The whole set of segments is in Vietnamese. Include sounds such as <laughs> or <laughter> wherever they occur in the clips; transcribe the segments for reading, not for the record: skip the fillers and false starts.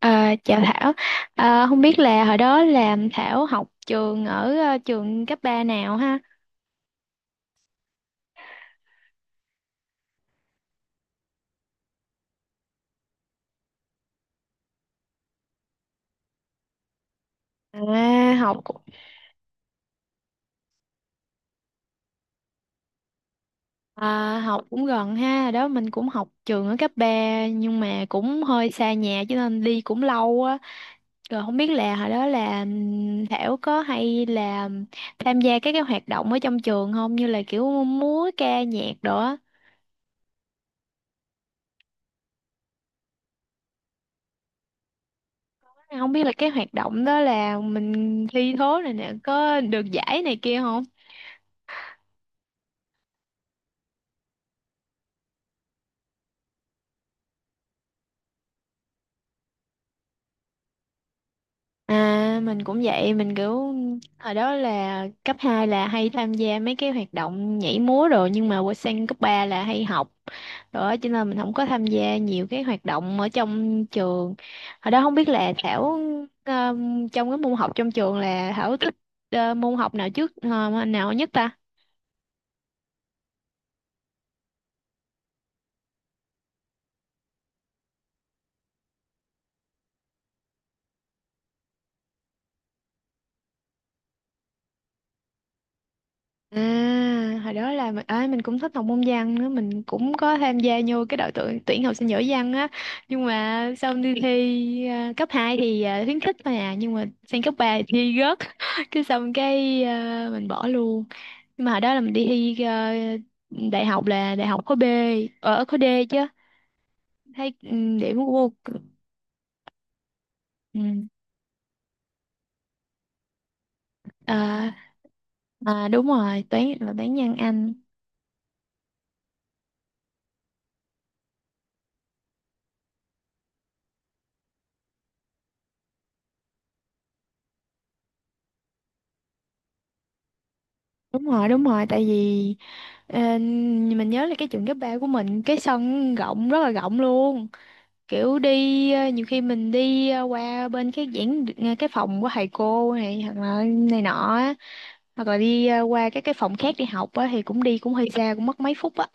Chào Thảo, không biết là hồi đó là Thảo học trường ở trường cấp 3 nào ha? À, học cũng- Học cũng gần ha. Hồi đó mình cũng học trường ở cấp 3 nhưng mà cũng hơi xa nhà cho nên đi cũng lâu á. Rồi không biết là hồi đó là Thảo có hay là tham gia các cái hoạt động ở trong trường không, như là kiểu múa ca nhạc đồ á. Không biết là cái hoạt động đó là mình thi thố này nè có được giải này kia không? À, mình cũng vậy, mình kiểu hồi đó là cấp 2 là hay tham gia mấy cái hoạt động nhảy múa rồi, nhưng mà qua sang cấp 3 là hay học, rồi cho nên mình không có tham gia nhiều cái hoạt động ở trong trường. Hồi đó không biết là Thảo, ờ, trong cái môn học trong trường là Thảo thích môn học nào nào nhất ta? À, hồi đó là mình, à, mình cũng thích học môn văn nữa, mình cũng có tham gia vô cái đội tuyển tuyển học sinh giỏi văn á. Nhưng mà sau đi thi cấp 2 thì khuyến khích mà, nhưng mà sang cấp 3 thì thi rớt. <laughs> Cái xong cái, mình bỏ luôn. Nhưng mà hồi đó là mình đi thi, đại học là đại học khối B, ở khối D chứ. Thấy điểm của cô, ừ, à, à đúng rồi, toán là toán văn Anh. Đúng rồi, tại vì Ờ, mình nhớ là cái trường cấp 3 của mình cái sân rộng, rất là rộng luôn, kiểu đi nhiều khi mình đi qua bên cái cái phòng của thầy cô này hoặc là này nọ á, hoặc là đi qua các cái phòng khác đi học á thì cũng đi cũng hơi xa, cũng mất mấy phút á.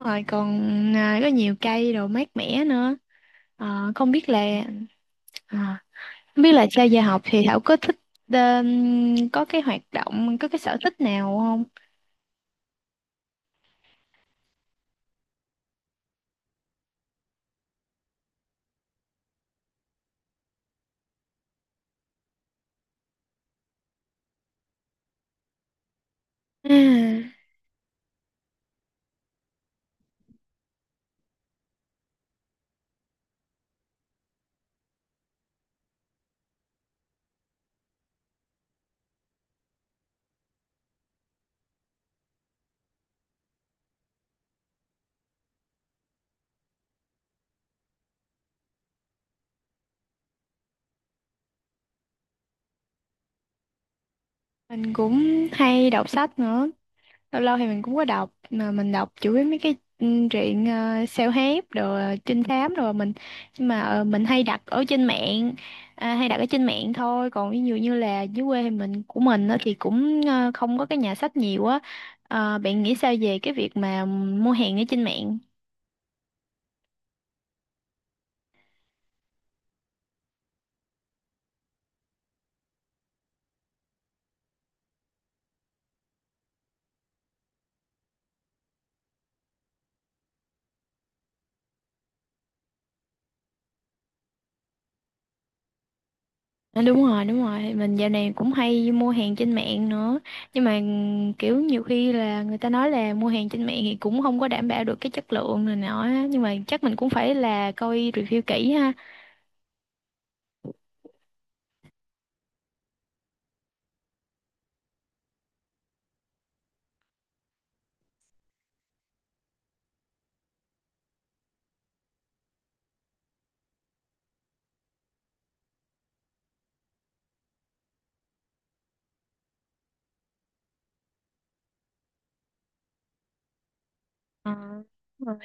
Rồi còn có nhiều cây đồ mát mẻ nữa. Ờ, không biết là ờ, Không biết là sau giờ học thì Thảo có thích ờ, có cái hoạt động, có cái sở thích nào không? À, mình cũng hay đọc sách nữa. Lâu lâu thì mình cũng có đọc, mà mình đọc chủ yếu mấy cái truyện self-help rồi trinh thám rồi mình, nhưng mà mình hay đặt ở trên mạng, à, hay đặt ở trên mạng thôi. Còn ví dụ như là dưới quê thì của mình á thì cũng không có cái nhà sách nhiều á. Ờ, bạn nghĩ sao về cái việc mà mua hàng ở trên mạng? À, đúng rồi đúng rồi, mình dạo này cũng hay mua hàng trên mạng nữa, nhưng mà kiểu nhiều khi là người ta nói là mua hàng trên mạng thì cũng không có đảm bảo được cái chất lượng này nọ á. Nhưng mà chắc mình cũng phải là coi review kỹ ha. Ờ, đúng rồi.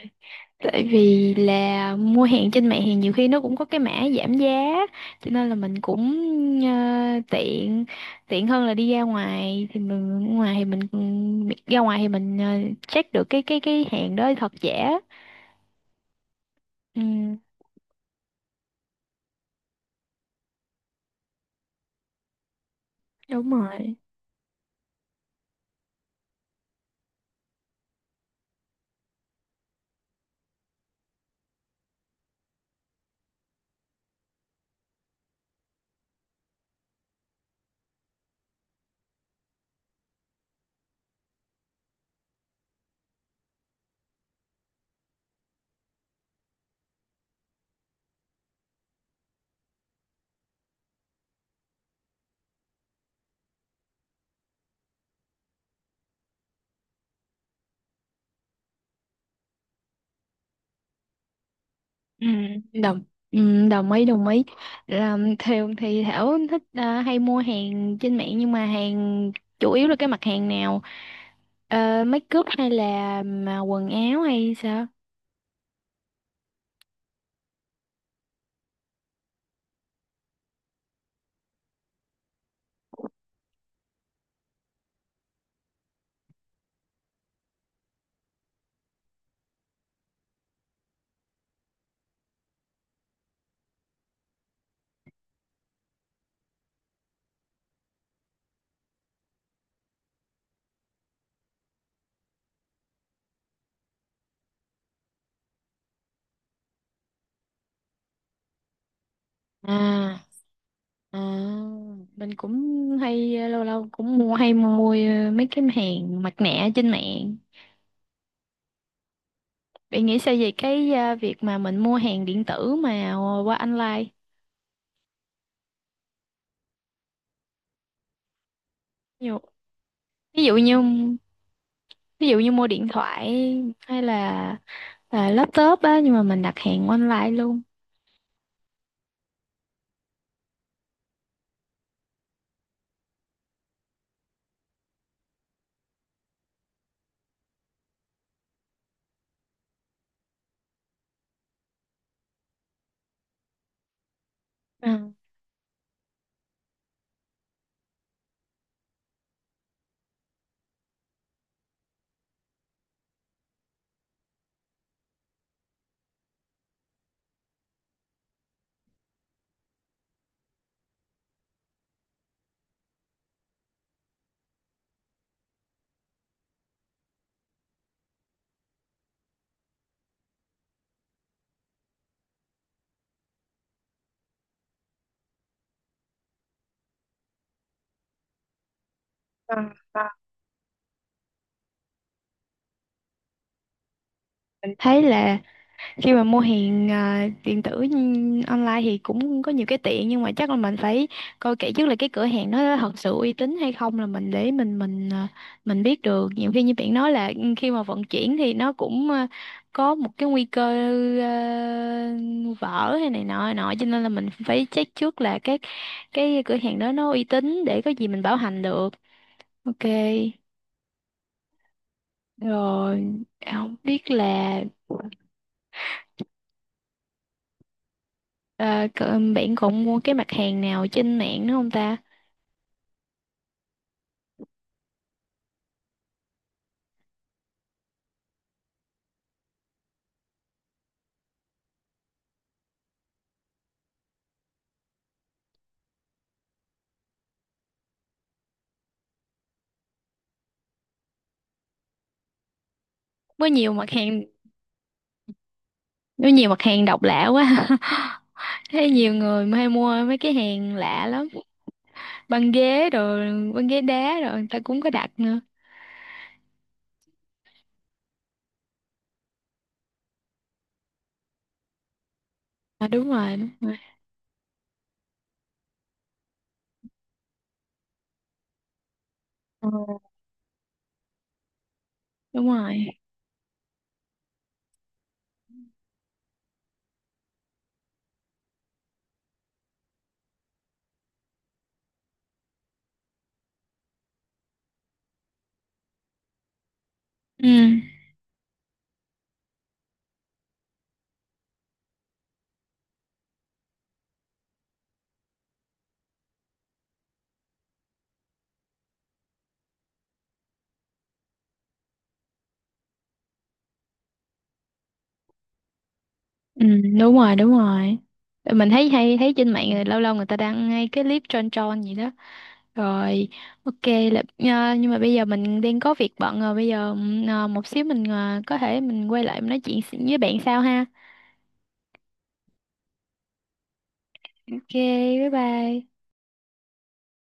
Tại vì là mua hàng trên mạng thì nhiều khi nó cũng có cái mã giảm giá, cho nên là mình cũng tiện, tiện hơn là đi ra ngoài thì mình ra ngoài thì mình check được cái hàng đó thật giả. Ừ, đúng rồi. Ừ, đồng Đồng ý, đồng ý. Là thường thì Thảo thích hay mua hàng trên mạng, nhưng mà hàng chủ yếu là cái mặt hàng nào? Ờ, make up hay là mà quần áo hay sao? À à mình cũng hay, lâu lâu cũng mua, hay mua mấy cái hàng mặt nạ trên mạng. Bạn nghĩ sao về cái, việc mà mình mua hàng điện tử mà qua online? Ví dụ ví dụ như ví dụ như mua điện thoại hay là laptop á, nhưng mà mình đặt hàng online luôn. Ừ. Thấy là khi mà mua hàng, điện tử online thì cũng có nhiều cái tiện, nhưng mà chắc là mình phải coi kỹ trước là cái cửa hàng nó thật sự uy tín hay không, là mình để mình mình biết được. Nhiều khi như bạn nói là khi mà vận chuyển thì nó cũng, có một cái nguy cơ, à, vỡ hay này nọ nọ cho nên là mình phải check trước là cái cửa hàng đó nó uy tín, để có gì mình bảo hành được. Ok. Rồi không biết là bạn còn mua cái mặt hàng nào trên mạng nữa không ta? Có nhiều mặt hàng, có nhiều mặt hàng độc lạ quá. <laughs> Thấy nhiều người mà hay mua mấy cái hàng lạ lắm. Băng ghế rồi, băng ghế đá rồi, người ta cũng có đặt nữa. À đúng rồi, đúng rồi. Ờ, đúng rồi. Ừ. Ừ, đúng rồi, đúng rồi. Mình thấy hay thấy trên mạng rồi lâu lâu người ta đăng ngay cái clip tròn tròn gì đó. Rồi, ok. Là à, nhưng mà bây giờ mình đang có việc bận rồi, bây giờ một xíu mình, có thể mình quay lại mình nói chuyện với bạn sau ha. Ok, bye bye.